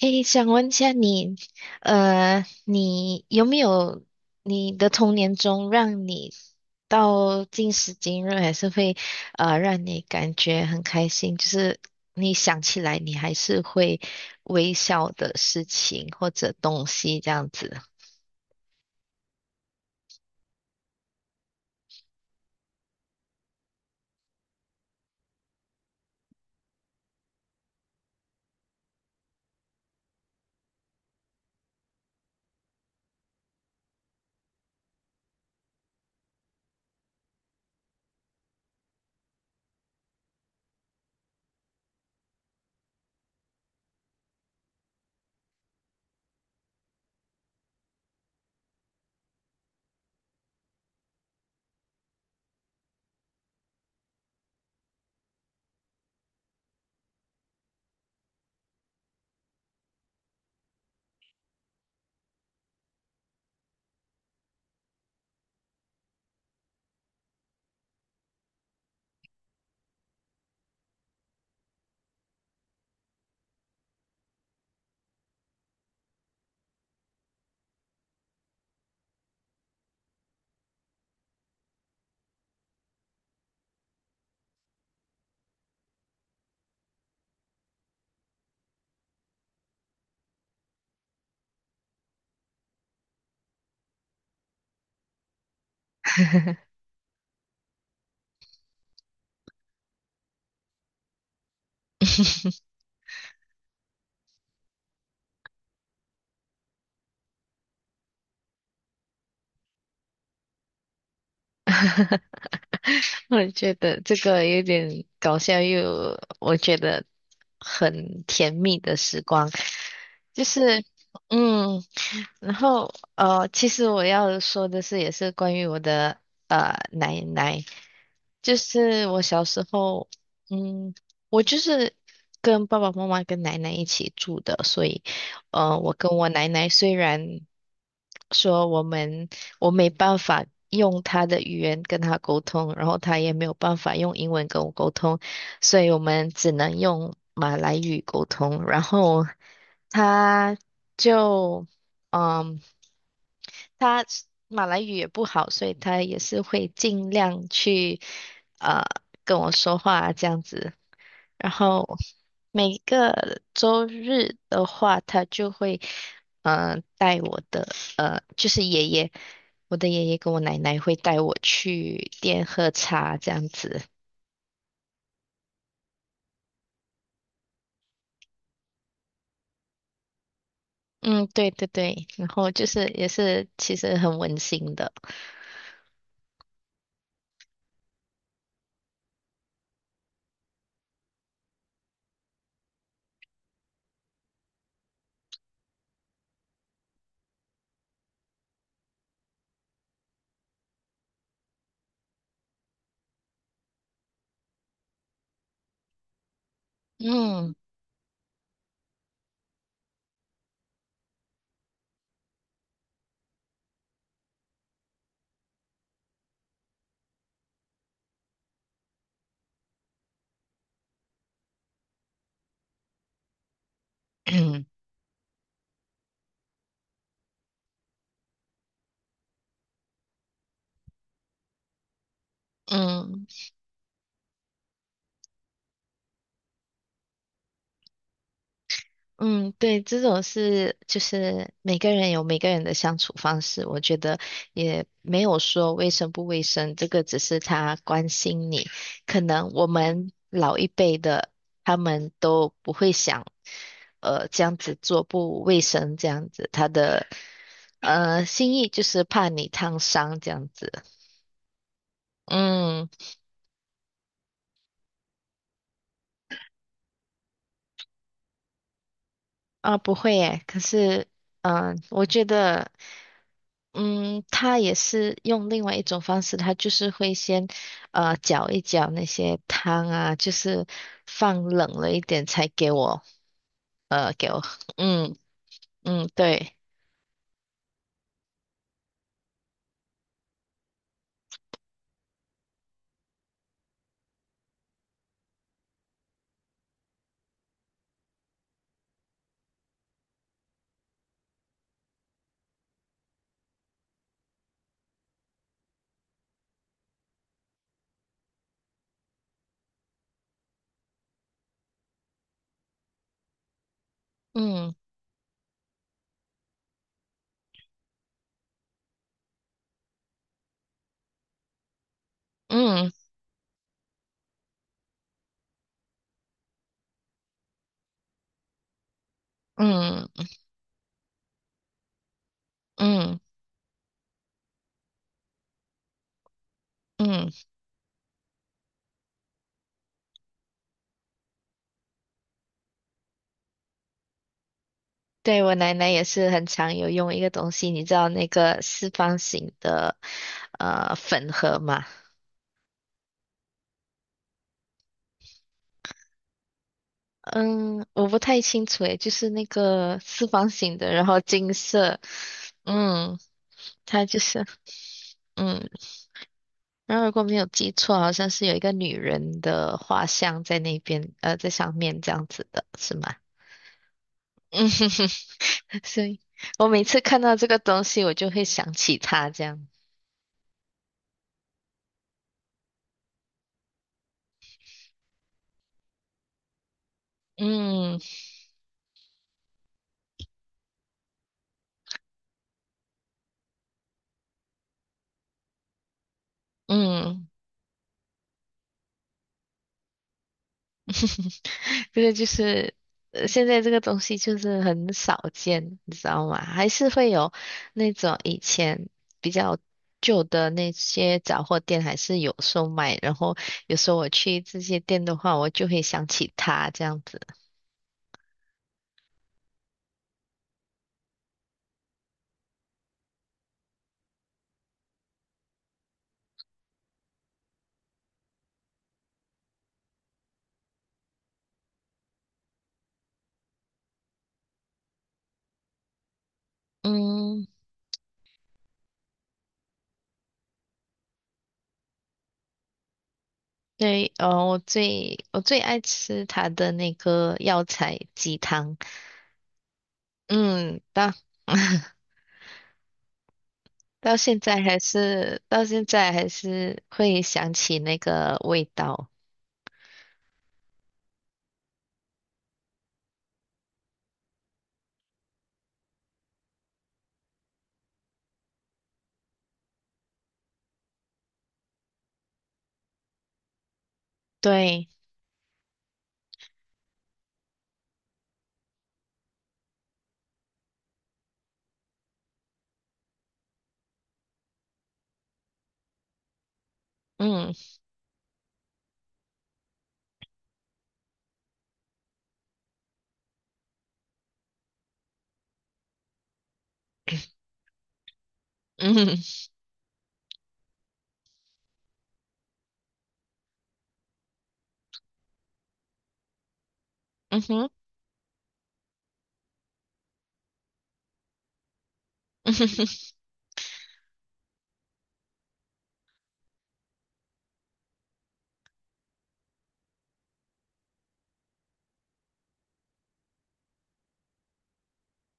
诶，想问一下你，你有没有你的童年中让你到今时今日还是会让你感觉很开心，就是你想起来你还是会微笑的事情或者东西这样子？我觉得这个有点搞笑又有我觉得很甜蜜的时光，就是嗯。然后其实我要说的是，也是关于我的奶奶，就是我小时候，嗯，我就是跟爸爸妈妈跟奶奶一起住的，所以我跟我奶奶虽然说我没办法用她的语言跟她沟通，然后她也没有办法用英文跟我沟通，所以我们只能用马来语沟通，然后她就。嗯，他是马来语也不好，所以他也是会尽量去呃跟我说话这样子。然后每个周日的话，他就会带我的，就是爷爷，我的爷爷跟我奶奶会带我去店喝茶这样子。嗯，对对对，然后就是也是其实很温馨的。嗯 嗯，嗯，对，这种是就是每个人有每个人的相处方式，我觉得也没有说卫生不卫生，这个只是他关心你。可能我们老一辈的他们都不会想，这样子做不卫生，这样子他的心意就是怕你烫伤这样子。嗯，啊，不会诶，可是我觉得。嗯，他也是用另外一种方式，他就是会先搅一搅那些汤啊，就是放冷了一点才给我喝。嗯嗯，对。嗯嗯嗯嗯嗯，对我奶奶也是很常有用一个东西，你知道那个四方形的粉盒吗？嗯，我不太清楚诶，就是那个四方形的，然后金色，嗯，它就是。嗯。然后如果没有记错，好像是有一个女人的画像在那边，在上面这样子的，是吗？嗯哼哼，所以我每次看到这个东西，我就会想起她这样。嗯嗯。这个就是，现在这个东西就是很少见，你知道吗？还是会有那种以前比较旧的那些杂货店还是有售卖，然后有时候我去这些店的话，我就会想起它这样。嗯，对，哦，我最爱吃它的那个药材鸡汤，嗯，到 到现在还是会想起那个味道，对。嗯嗯，嗯哼。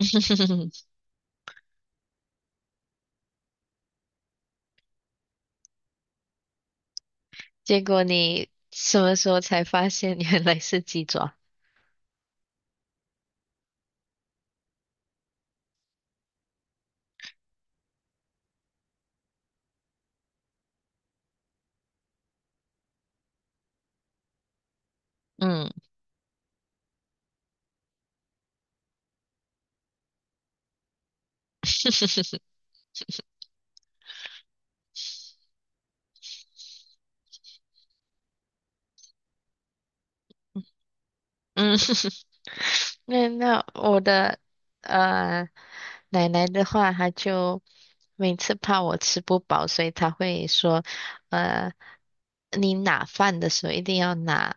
结果你什么时候才发现原来是鸡爪？嗯。嗯。那我的呃奶奶的话，她就每次怕我吃不饱，所以她会说，呃，你拿饭的时候一定要拿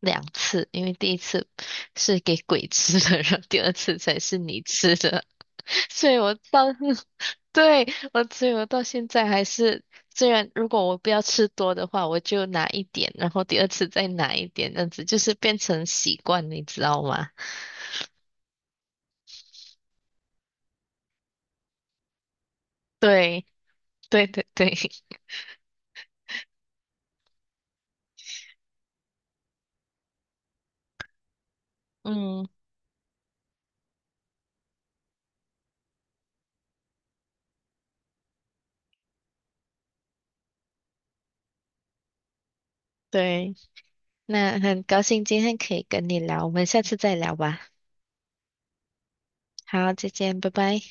2次，因为第一次是给鬼吃的，然后第二次才是你吃的。所以我到，对，所以我到现在还是，虽然如果我不要吃多的话，我就拿一点，然后第二次再拿一点，这样子就是变成习惯，你知道吗？对，对对对。嗯，对，那很高兴今天可以跟你聊，我们下次再聊吧。好，再见，拜拜。